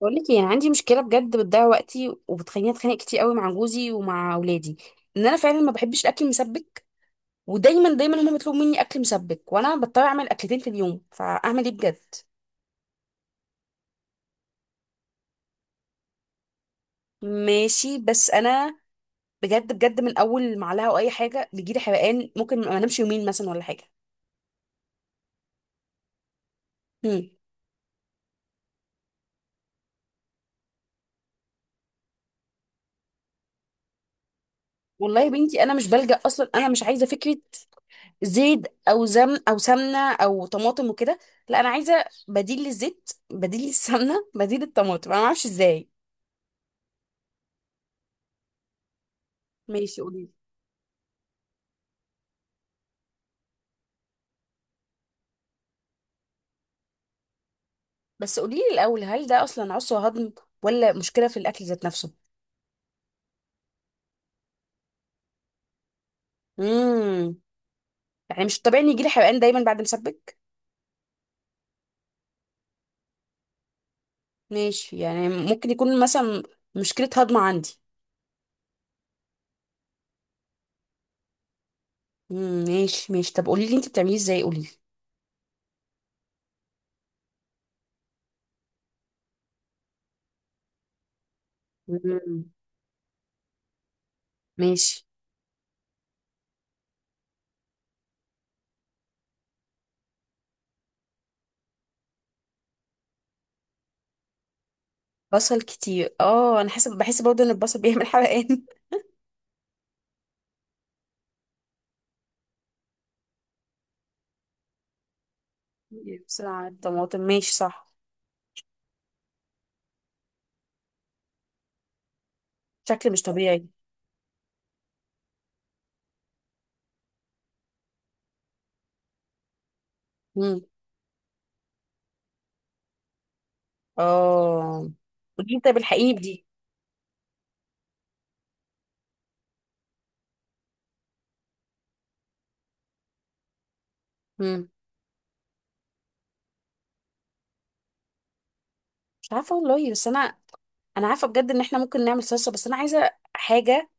بقول لك يعني عندي مشكله بجد، بتضيع وقتي وبتخليني اتخانق كتير قوي مع جوزي ومع اولادي. انا فعلا ما بحبش الاكل المسبك، ودايما هما بيطلبوا مني اكل مسبك وانا بضطر اعمل اكلتين في اليوم. فاعمل ايه بجد؟ ماشي، بس انا بجد من اول معلقه او اي حاجه بيجيلي حرقان، ممكن ما انامش يومين مثلا ولا حاجه. هم. والله يا بنتي انا مش بلجأ، اصلا انا مش عايزه فكره زيت او زم او سمنه او طماطم وكده. لا انا عايزه بديل للزيت، بديل للسمنه، بديل للطماطم، انا ما اعرفش ازاي. ماشي قوليلي. بس قوليلي الأول، هل ده أصلا عسر هضم ولا مشكلة في الأكل ذات نفسه؟ امم يعني مش طبيعي إن يجيلي حرقان دايما بعد مسبك؟ ماشي، يعني ممكن يكون مثلا مشكلة هضم عندي. ماشي ماشي، طب قوليلي أنت بتعمليه إزاي، قوليلي. امم ماشي. بصل كتير، اه انا حاسه، بحس برضه ان البصل بيعمل حرقان. بسرعه الطماطم، ماشي صح. شكل مش طبيعي. امم اه قوليلي، طب الحقيني بدي. امم مش عارفه والله، بس انا انا عارفه بجد ان احنا ممكن نعمل صلصه، بس انا عايزه حاجه.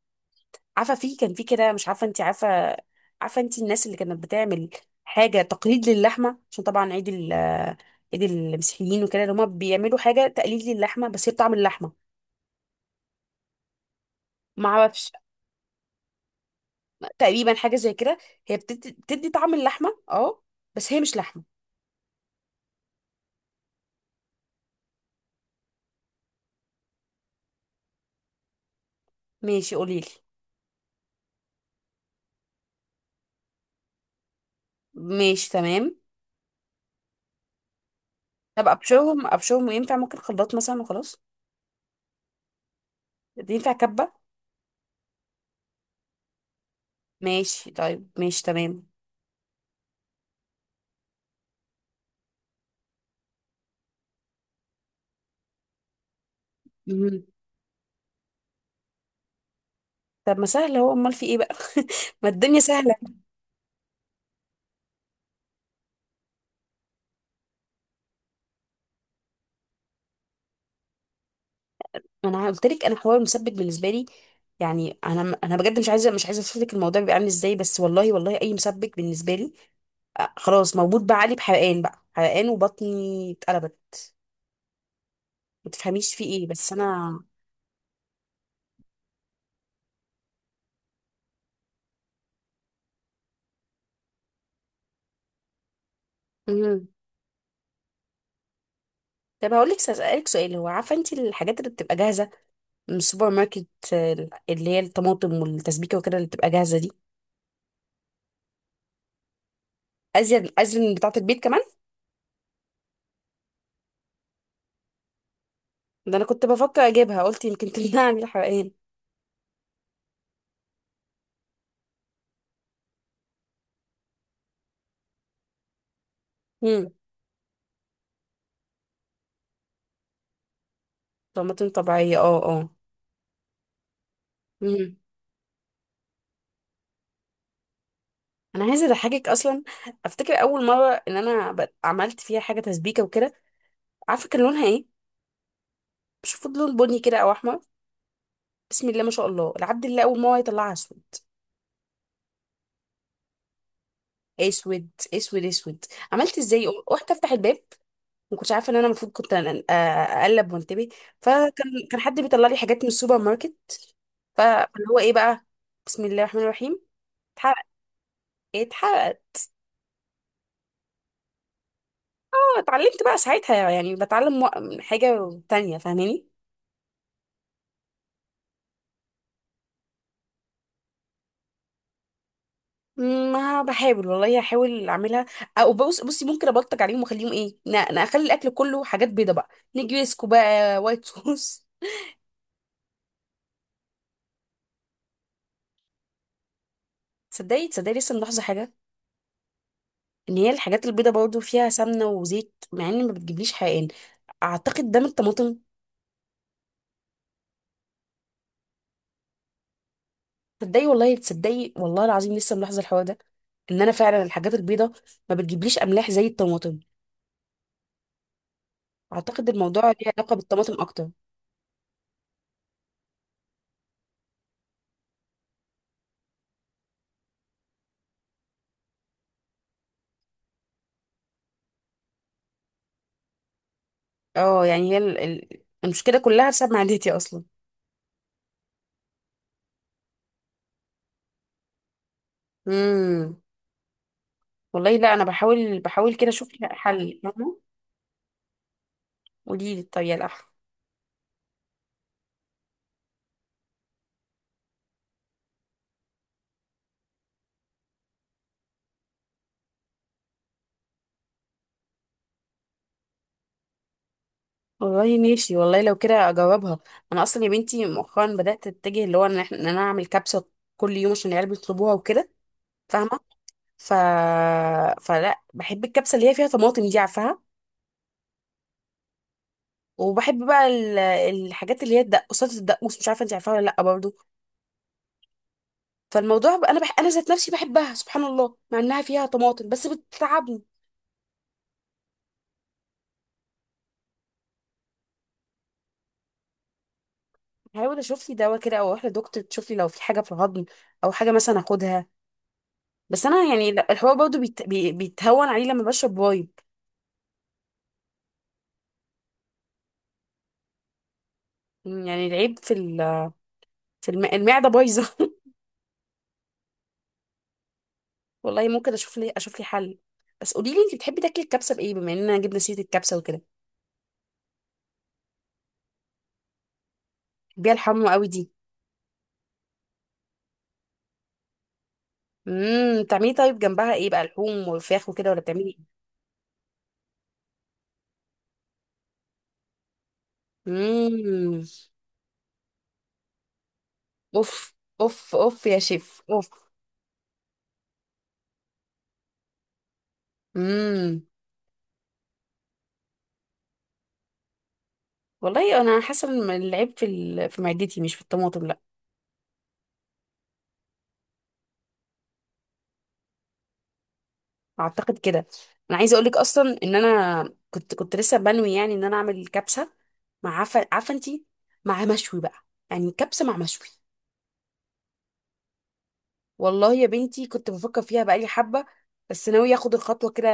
عارفه، كان في كده، مش عارفه انت عارفه، عارفه انت الناس اللي كانت بتعمل حاجه تقليد للحمه، عشان طبعا عيد عيد المسيحيين وكده، اللي هما بيعملوا حاجه تقليد للحمه بس هي بطعم اللحمه. ما اعرفش. تقريبا حاجه زي كده، هي بتدي طعم اللحمه، اه بس هي مش لحمه. ماشي قوليلي. ماشي تمام. طب ابشرهم ينفع ممكن خلاط مثلا وخلاص؟ ينفع كبه؟ ماشي طيب، ماشي تمام. طب ما سهل اهو، امال في ايه بقى؟ ما الدنيا سهله. ما انا قلت لك، انا حوار المسبك بالنسبه لي، يعني انا بجد مش عايزه اوصف لك الموضوع بيبقى عامل ازاي، بس والله والله اي مسبك بالنسبه لي، آه، خلاص موجود بقى علي بحرقان، بقى حرقان وبطني اتقلبت. ما تفهميش في ايه، بس انا. مهم. طب هقول لك، اسالك سؤال، هو عارفه انت الحاجات اللي بتبقى جاهزه من السوبر ماركت، آه، اللي هي الطماطم والتسبيكه وكده اللي بتبقى جاهزه دي؟ ازين ازين بتاعه البيت كمان. ده انا كنت بفكر اجيبها، قلت يمكن تمنعني الحرقان. طماطم طبيعية، اه اه. مم. انا عايزة اضحكك. اصلا افتكر اول مرة ان انا عملت فيها حاجة تسبيكة وكده، عارفة كان لونها ايه؟ مش المفروض لون بني كده او احمر؟ بسم الله ما شاء الله، العبد الله اول مرة يطلعها اسود، اسود اسود اسود. عملت ازاي؟ رحت افتح الباب، ما كنتش عارفه ان انا المفروض اقلب وانتبه. فكان حد بيطلع لي حاجات من السوبر ماركت. فاللي هو ايه بقى، بسم الله الرحمن الرحيم، اتحرق اتحرق. اتعلمت بقى ساعتها، يعني بتعلم حاجة تانية، فاهماني؟ ما بحاول والله، هحاول اعملها. او بص، بصي ممكن ابلطج عليهم واخليهم ايه، انا اخلي الاكل كله حاجات بيضه بقى، نجريسكو بقى، وايت صوص. تصدقي تصدقي، لسه ملاحظه حاجه، ان هي الحاجات البيضه برضه فيها سمنه وزيت مع ان ما بتجيبليش حقن. اعتقد ده من الطماطم. تصدقي والله، تصدقي والله العظيم، لسه ملاحظه الحوار ده، ان انا فعلا الحاجات البيضه ما بتجيبليش املاح زي الطماطم، اعتقد الموضوع ليه علاقه بالطماطم اكتر. اه يعني هي المشكله كلها بسبب معدتي اصلا. امم والله لا، انا بحاول بحاول كده اشوف لها حل، فاهمه. قولي لي الطريقه الاحسن. والله ماشي، والله لو كده اجربها. انا اصلا يا بنتي مؤخرا بدات اتجه اللي هو ان إن انا اعمل كبسه كل يوم عشان العيال بيطلبوها وكده، فاهمه؟ ف فلا بحب الكبسه اللي هي فيها طماطم دي، عارفاها؟ وبحب بقى الحاجات اللي هي الدقوسات، الدقوس مش عارفه انت عارفاها ولا لا برضه؟ فالموضوع بقى انا انا ذات نفسي بحبها سبحان الله، مع انها فيها طماطم بس بتتعبني. هحاول اشوف لي دواء كده او اروح لدكتور، تشوف لي لو في حاجه في الهضم او حاجه مثلا اخدها. بس انا يعني لا، الحوار برضه بيتهون عليه لما بشرب وايب. يعني العيب في في المعده بايظه. والله ممكن اشوف لي، اشوف لي حل. بس قولي لي انت بتحبي تاكلي الكبسه بايه، بما اننا جبنا سيره الكبسه وكده؟ بتحبيها الحمو قوي دي؟ بتعملي طيب جنبها ايه بقى، لحوم وفراخ وكده ولا بتعملي ايه؟ امم اوف، اوف اوف يا شيف اوف. امم والله انا حاسه ان العيب في في معدتي مش في الطماطم. اعتقد كده. انا عايزه اقول لك اصلا ان انا كنت لسه بنوي يعني ان انا اعمل كبسه مع عفه، عارفه انتي، مع مشوي بقى، يعني كبسه مع مشوي. والله يا بنتي كنت بفكر فيها بقالي حبه، بس ناويه اخد الخطوه كده،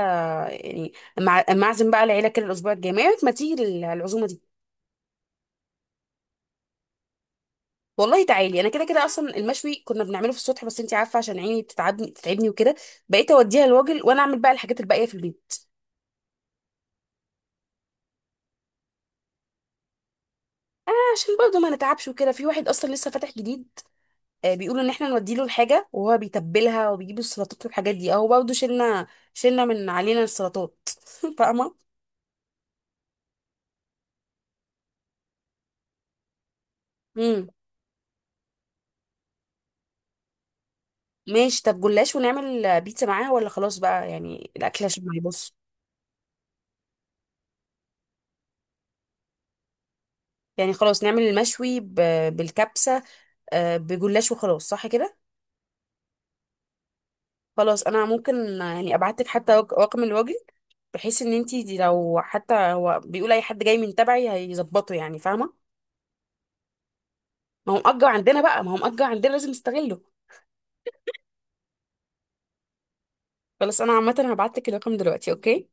يعني مع اما اعزم بقى العيله كده الاسبوع الجاي، ما يعني ما تيجي العزومه دي. والله تعالي، انا كده كده اصلا المشوي كنا بنعمله في السطح، بس انتي عارفه عشان عيني بتتعبني وكده، بقيت اوديها الراجل وانا اعمل بقى الحاجات الباقيه في البيت. عشان برضه ما نتعبش وكده، في واحد اصلا لسه فاتح جديد، آه، بيقولوا ان احنا نودي له الحاجه وهو بيتبلها وبيجيب السلطات والحاجات دي، اهو برضه شلنا من علينا السلطات. فاهمه؟ امم ماشي. طب جلاش، ونعمل بيتزا معاها ولا خلاص بقى يعني الاكل عشان ما يبص؟ يعني خلاص، نعمل المشوي بالكبسه، آه، بجلاش وخلاص، صح كده؟ خلاص انا ممكن آه، يعني ابعت لك حتى رقم الراجل، بحيث ان انتي دي، لو حتى هو بيقول اي حد جاي من تبعي هيظبطه، يعني فاهمه؟ ما هو مأجر عندنا بقى، ما هو مأجر عندنا لازم نستغله. خلاص انا عامه هبعت لك الرقم دلوقتي، اوكي؟